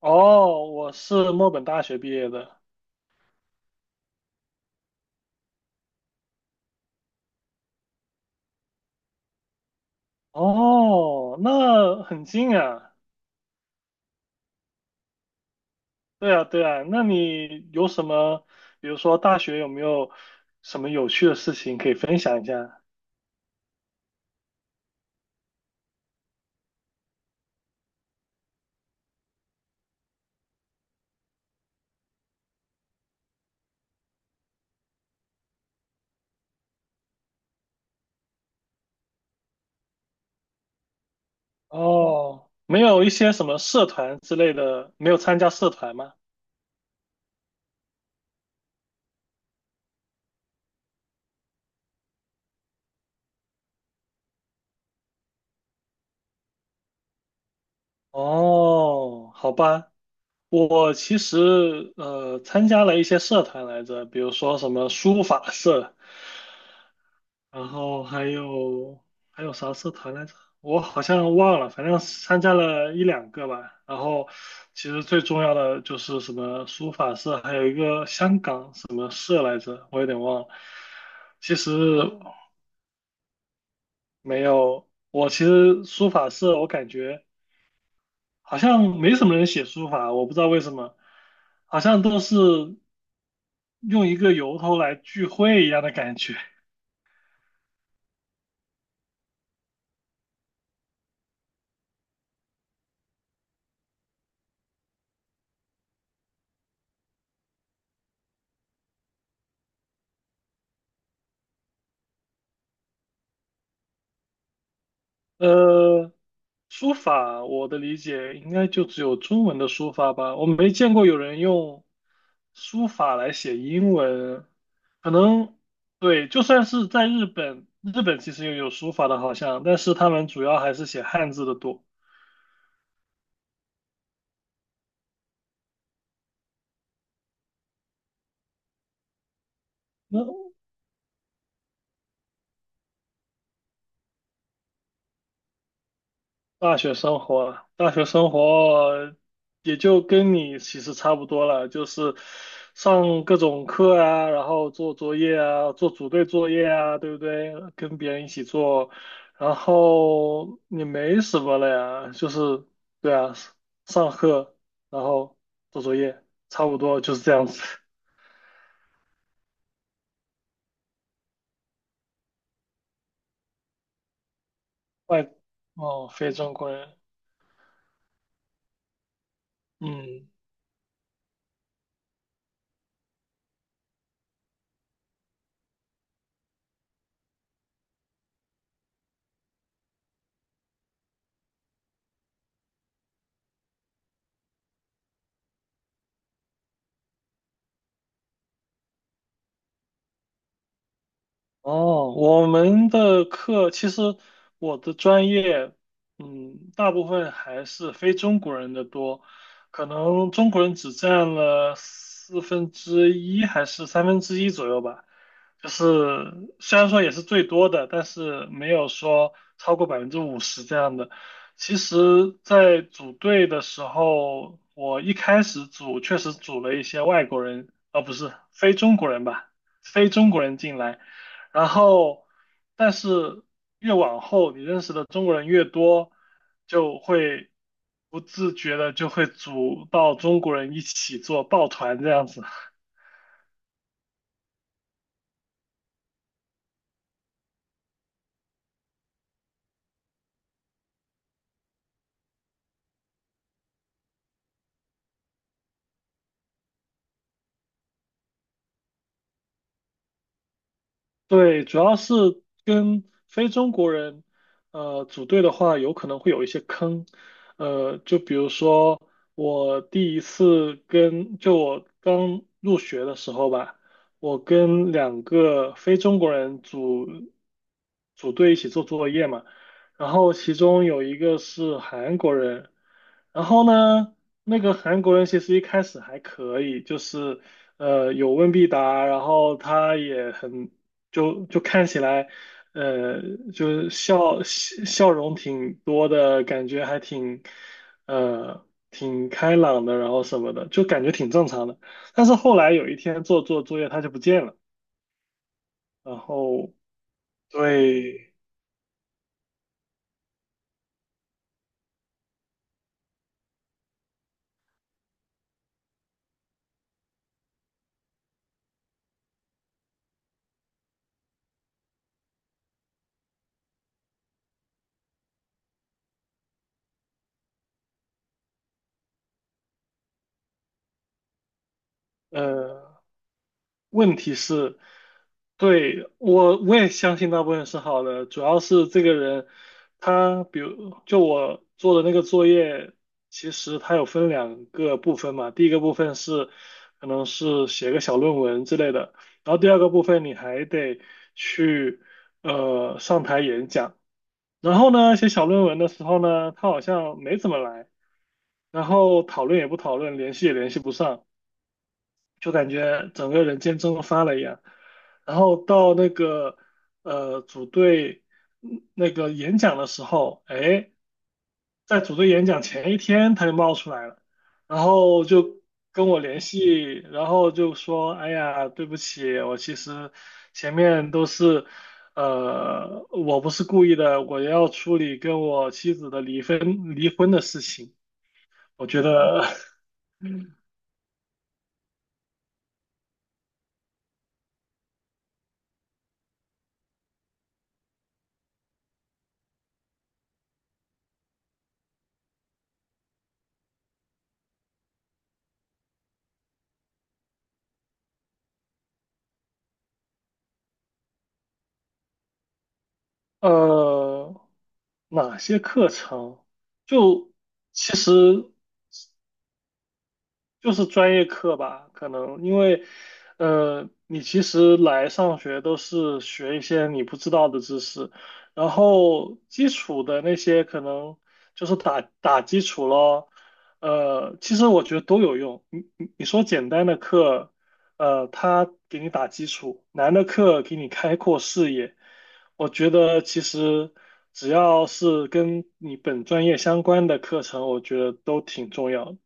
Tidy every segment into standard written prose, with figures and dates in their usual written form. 哦，我是墨本大学毕业的。哦，那很近啊。对啊，对啊。那你有什么，比如说大学有没有什么有趣的事情可以分享一下？哦，没有一些什么社团之类的，没有参加社团吗？哦，好吧。我其实参加了一些社团来着，比如说什么书法社。然后还有啥社团来着？我好像忘了，反正参加了一两个吧。然后其实最重要的就是什么书法社，还有一个香港什么社来着，我有点忘了。其实没有，我其实书法社我感觉好像没什么人写书法，我不知道为什么，好像都是用一个由头来聚会一样的感觉。呃，书法我的理解应该就只有中文的书法吧，我没见过有人用书法来写英文，可能对，就算是在日本，日本其实也有书法的，好像，但是他们主要还是写汉字的多。那大学生活也就跟你其实差不多了，就是上各种课啊，然后做作业啊，做组队作业啊，对不对？跟别人一起做，然后也没什么了呀，就是对啊，上课，然后做作业，差不多就是这样子。外，哦，非正规，嗯。哦，我们的课其实我的专业，嗯，大部分还是非中国人的多，可能中国人只占了四分之一还是三分之一左右吧。就是虽然说也是最多的，但是没有说超过50%这样的。其实，在组队的时候，我一开始组确实组了一些外国人，啊，不是非中国人吧，非中国人进来。然后，但是越往后，你认识的中国人越多，就会不自觉的就会组到中国人一起做抱团这样子。对，主要是跟非中国人，组队的话，有可能会有一些坑，就比如说我第一次跟，就我刚入学的时候吧，我跟两个非中国人组队一起做作业嘛，然后其中有一个是韩国人，然后呢，那个韩国人其实一开始还可以，就是。有问必答，然后他也很就看起来，呃，就是笑容挺多的，感觉还挺，挺开朗的，然后什么的，就感觉挺正常的。但是后来有一天做作业，他就不见了，然后对，问题是，对，我也相信大部分是好的，主要是这个人，他比如就我做的那个作业，其实他有分两个部分嘛，第一个部分是可能是写个小论文之类的，然后第二个部分你还得去上台演讲，然后呢写小论文的时候呢，他好像没怎么来，然后讨论也不讨论，联系也联系不上。就感觉整个人间蒸发了一样。然后到那个组队那个演讲的时候，哎，在组队演讲前一天他就冒出来了，然后就跟我联系，然后就说，哎呀，对不起，我其实前面都是。我不是故意的，我要处理跟我妻子的离婚的事情。我觉得，呃，哪些课程？就其实就是专业课吧，可能因为，你其实来上学都是学一些你不知道的知识，然后基础的那些可能就是打打基础咯，其实我觉得都有用。你说简单的课，他给你打基础；难的课给你开阔视野。我觉得其实只要是跟你本专业相关的课程，我觉得都挺重要的。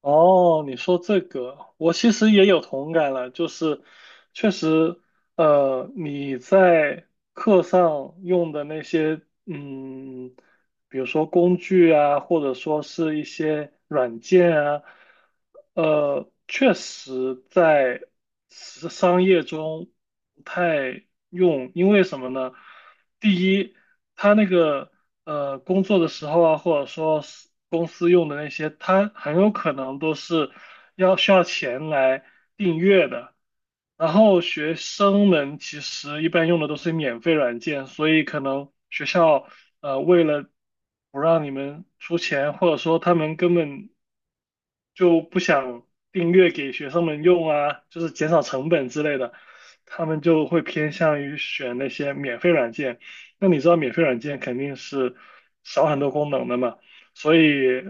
哦，你说这个，我其实也有同感了，就是确实，你在课上用的那些，嗯。比如说工具啊，或者说是一些软件啊，确实在时商业中不太用，因为什么呢？第一，他那个工作的时候啊，或者说是公司用的那些，它很有可能都是需要钱来订阅的。然后学生们其实一般用的都是免费软件，所以可能学校为了不让你们出钱，或者说他们根本就不想订阅给学生们用啊，就是减少成本之类的，他们就会偏向于选那些免费软件。那你知道免费软件肯定是少很多功能的嘛，所以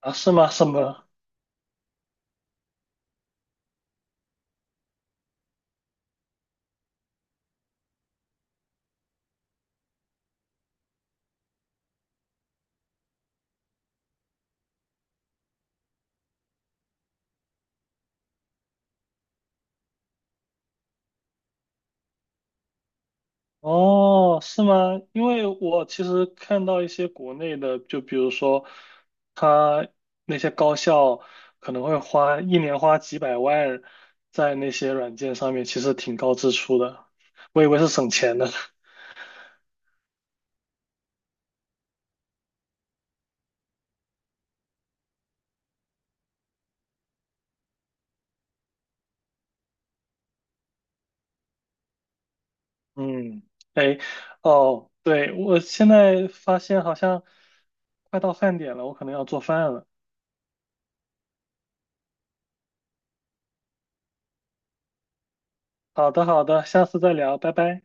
啊，是吗？是吗？哦，是吗？因为我其实看到一些国内的，就比如说，他那些高校可能会花一年花几百万在那些软件上面，其实挺高支出的。我以为是省钱的。嗯，哎，哦，对，我现在发现好像快到饭点了，我可能要做饭了。好的，好的，下次再聊，拜拜。